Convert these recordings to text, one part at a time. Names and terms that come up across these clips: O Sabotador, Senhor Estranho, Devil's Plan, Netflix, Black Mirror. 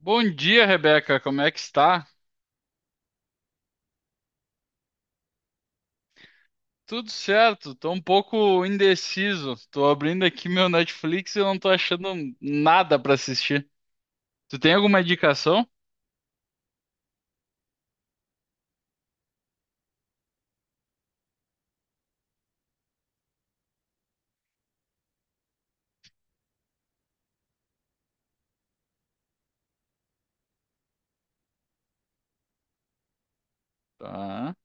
Bom dia, Rebeca. Como é que está? Tudo certo. Tô um pouco indeciso. Tô abrindo aqui meu Netflix e eu não tô achando nada para assistir. Tu tem alguma indicação? Tá.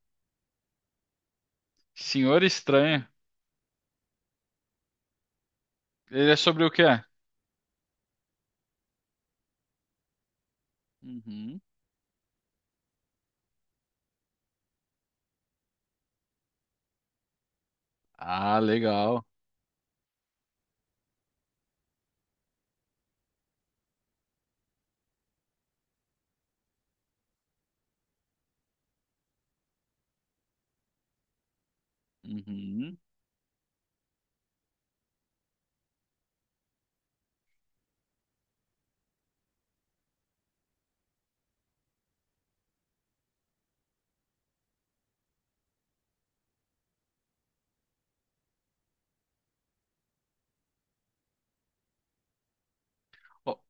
Senhor Estranho. Ele é sobre o quê? Uhum. Ah, legal. Uhum. Ó,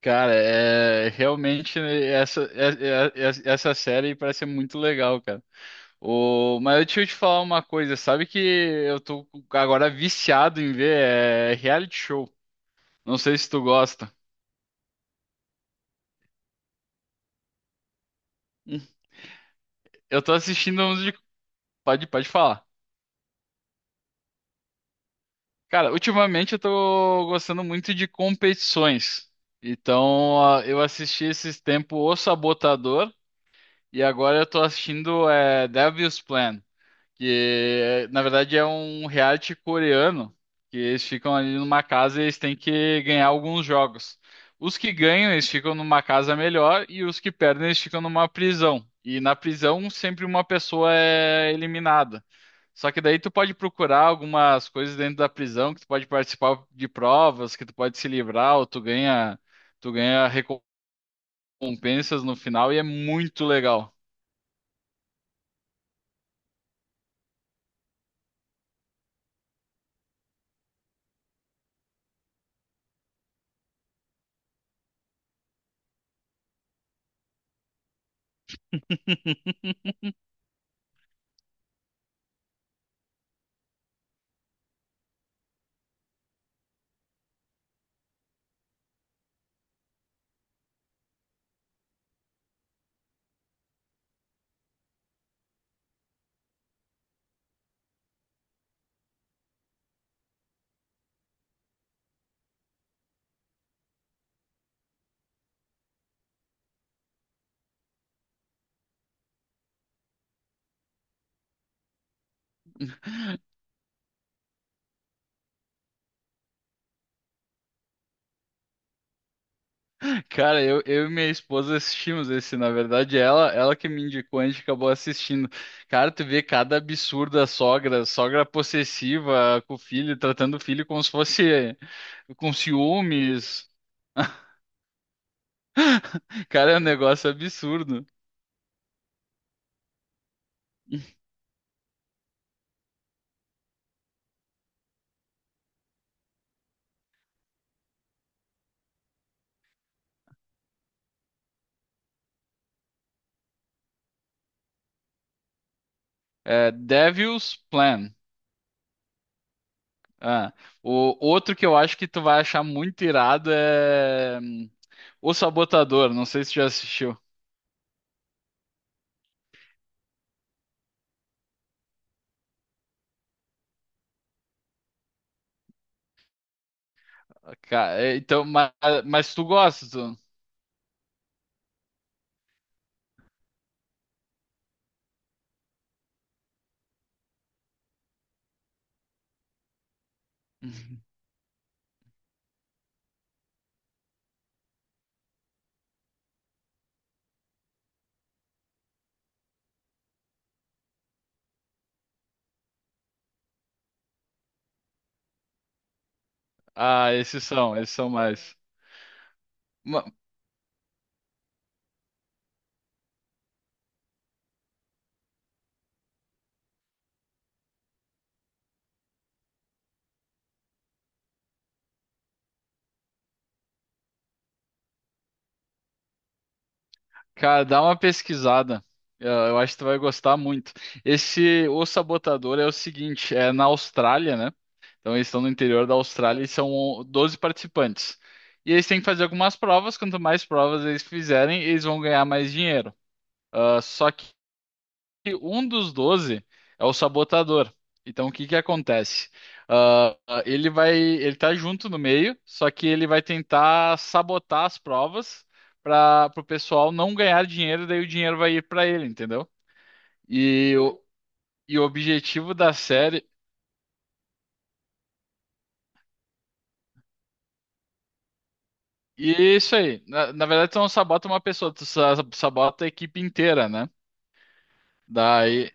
cara, é realmente né, essa é- é- é- essa série parece ser muito legal, cara. O, mas deixa eu te falar uma coisa, sabe que eu tô agora viciado em ver reality show. Não sei se tu gosta. Hum. Eu tô assistindo uns de. Pode falar. Cara, ultimamente eu tô gostando muito de competições. Então, ah, eu assisti esses tempos O Sabotador e agora eu tô assistindo Devil's Plan. Que na verdade é um reality coreano, que eles ficam ali numa casa e eles têm que ganhar alguns jogos. Os que ganham, eles ficam numa casa melhor e os que perdem, eles ficam numa prisão. E na prisão sempre uma pessoa é eliminada. Só que daí tu pode procurar algumas coisas dentro da prisão, que tu pode participar de provas, que tu pode se livrar, ou tu ganha recompensas no final e é muito legal. Cara, eu e minha esposa assistimos esse, na verdade, ela que me indicou, a gente acabou assistindo. Cara, tu vê cada absurda sogra, sogra possessiva com o filho, tratando o filho como se fosse com ciúmes. Cara, é um negócio absurdo. É, Devil's Plan. Ah, o outro que eu acho que tu vai achar muito irado é O Sabotador. Não sei se tu já assistiu. Ca- é, Então, mas, mas tu gosta, tu? Ah, esses são mais. Ma- Cara, dá uma pesquisada. Eu acho que tu vai gostar muito. Esse O Sabotador é o seguinte, é na Austrália, né? Então eles estão no interior da Austrália e são 12 participantes. E eles têm que fazer algumas provas, quanto mais provas eles fizerem, eles vão ganhar mais dinheiro. Ah, só que um dos 12 é o sabotador. Então, o que que acontece? Ele tá junto no meio, só que ele vai tentar sabotar as provas para o pessoal não ganhar dinheiro, daí o dinheiro vai ir para ele, entendeu? E o, e o objetivo da série. E é isso aí. Na verdade, tu não sabota uma pessoa, tu sa- sabota a equipe inteira, né? Daí.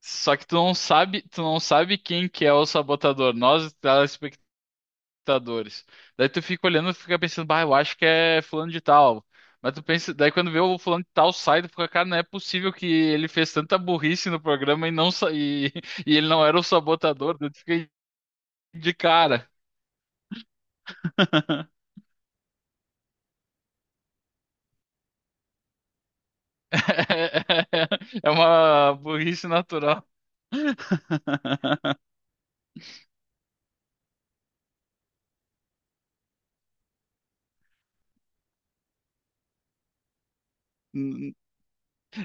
Só que tu não sabe quem que é o sabotador. Nós, computadores. Daí tu fica olhando e fica pensando, bah, eu acho que é fulano de tal. Mas tu pensa, daí quando vê o fulano de tal sai, tu fica, cara, não é possível que ele fez tanta burrice no programa e não sa- e, e ele não era o sabotador. Daí tu fica de cara. É uma burrice natural.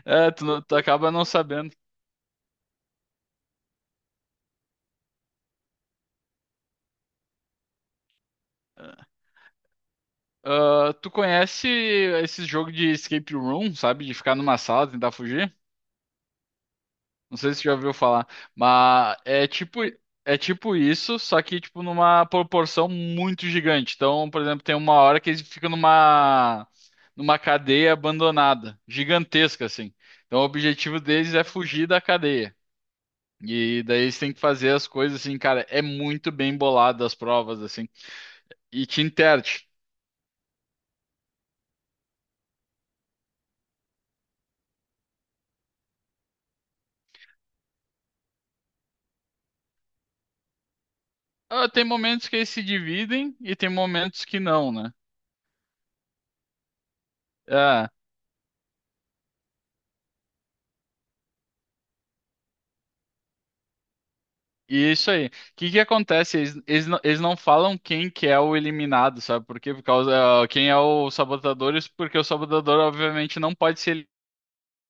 Tu acaba não sabendo. Ah, tu conhece esse jogo de escape room, sabe? De ficar numa sala, e tentar fugir? Não sei se você já ouviu falar, mas é tipo isso, só que tipo numa proporção muito gigante. Então, por exemplo, tem uma hora que eles ficam numa cadeia abandonada, gigantesca assim. Então, o objetivo deles é fugir da cadeia. E daí eles têm que fazer as coisas assim, cara, é muito bem bolado as provas assim. E te enterte. Ah, tem momentos que eles se dividem e tem momentos que não, né? É. E isso aí. O que que acontece? Eles não falam quem que é o eliminado, sabe? Por quê? Por causa, ah, quem é o sabotador, isso porque o sabotador, obviamente, não pode ser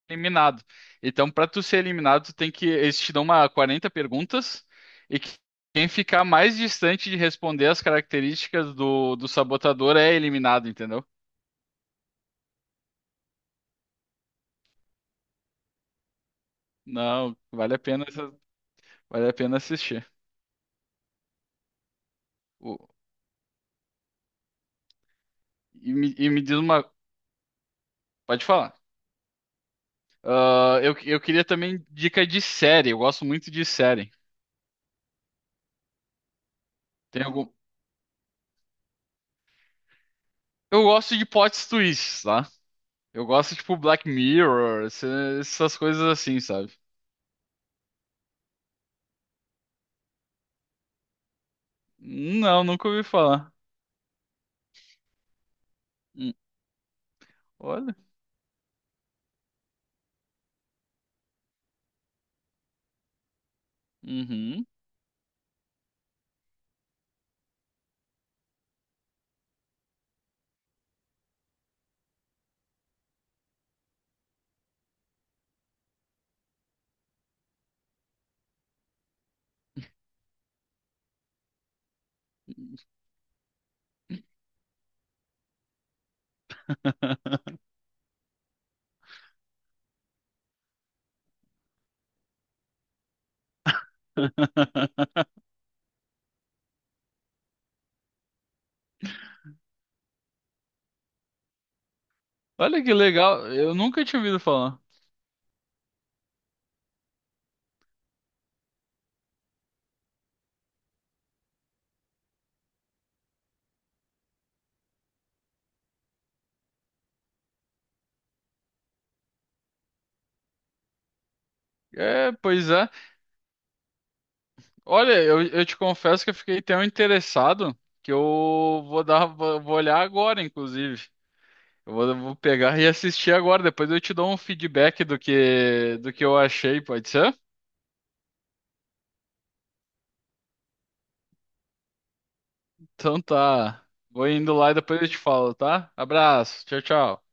eliminado. Então, para tu ser eliminado, tu tem que. Eles te dão uma 40 perguntas e que- quem ficar mais distante de responder as características do sabotador é eliminado, entendeu? Não, vale a pena assistir. O- e me diz uma. Pode falar. Ah, eu queria também dica de série. Eu gosto muito de série. Tem algum... Eu gosto de plot twists, tá? Eu gosto, tipo, Black Mirror, essas coisas assim, sabe? Não, nunca ouvi falar. Hum, Olha. Uhum. Olha que legal. Eu nunca tinha ouvido falar. É, pois é. Olha, eu te confesso que eu fiquei tão interessado que eu vou dar, vou vou olhar agora, inclusive. Vou pegar e assistir agora. Depois eu te dou um feedback do que eu achei, pode ser? Então tá. Vou indo lá e depois eu te falo, tá? Abraço. Tchau, tchau.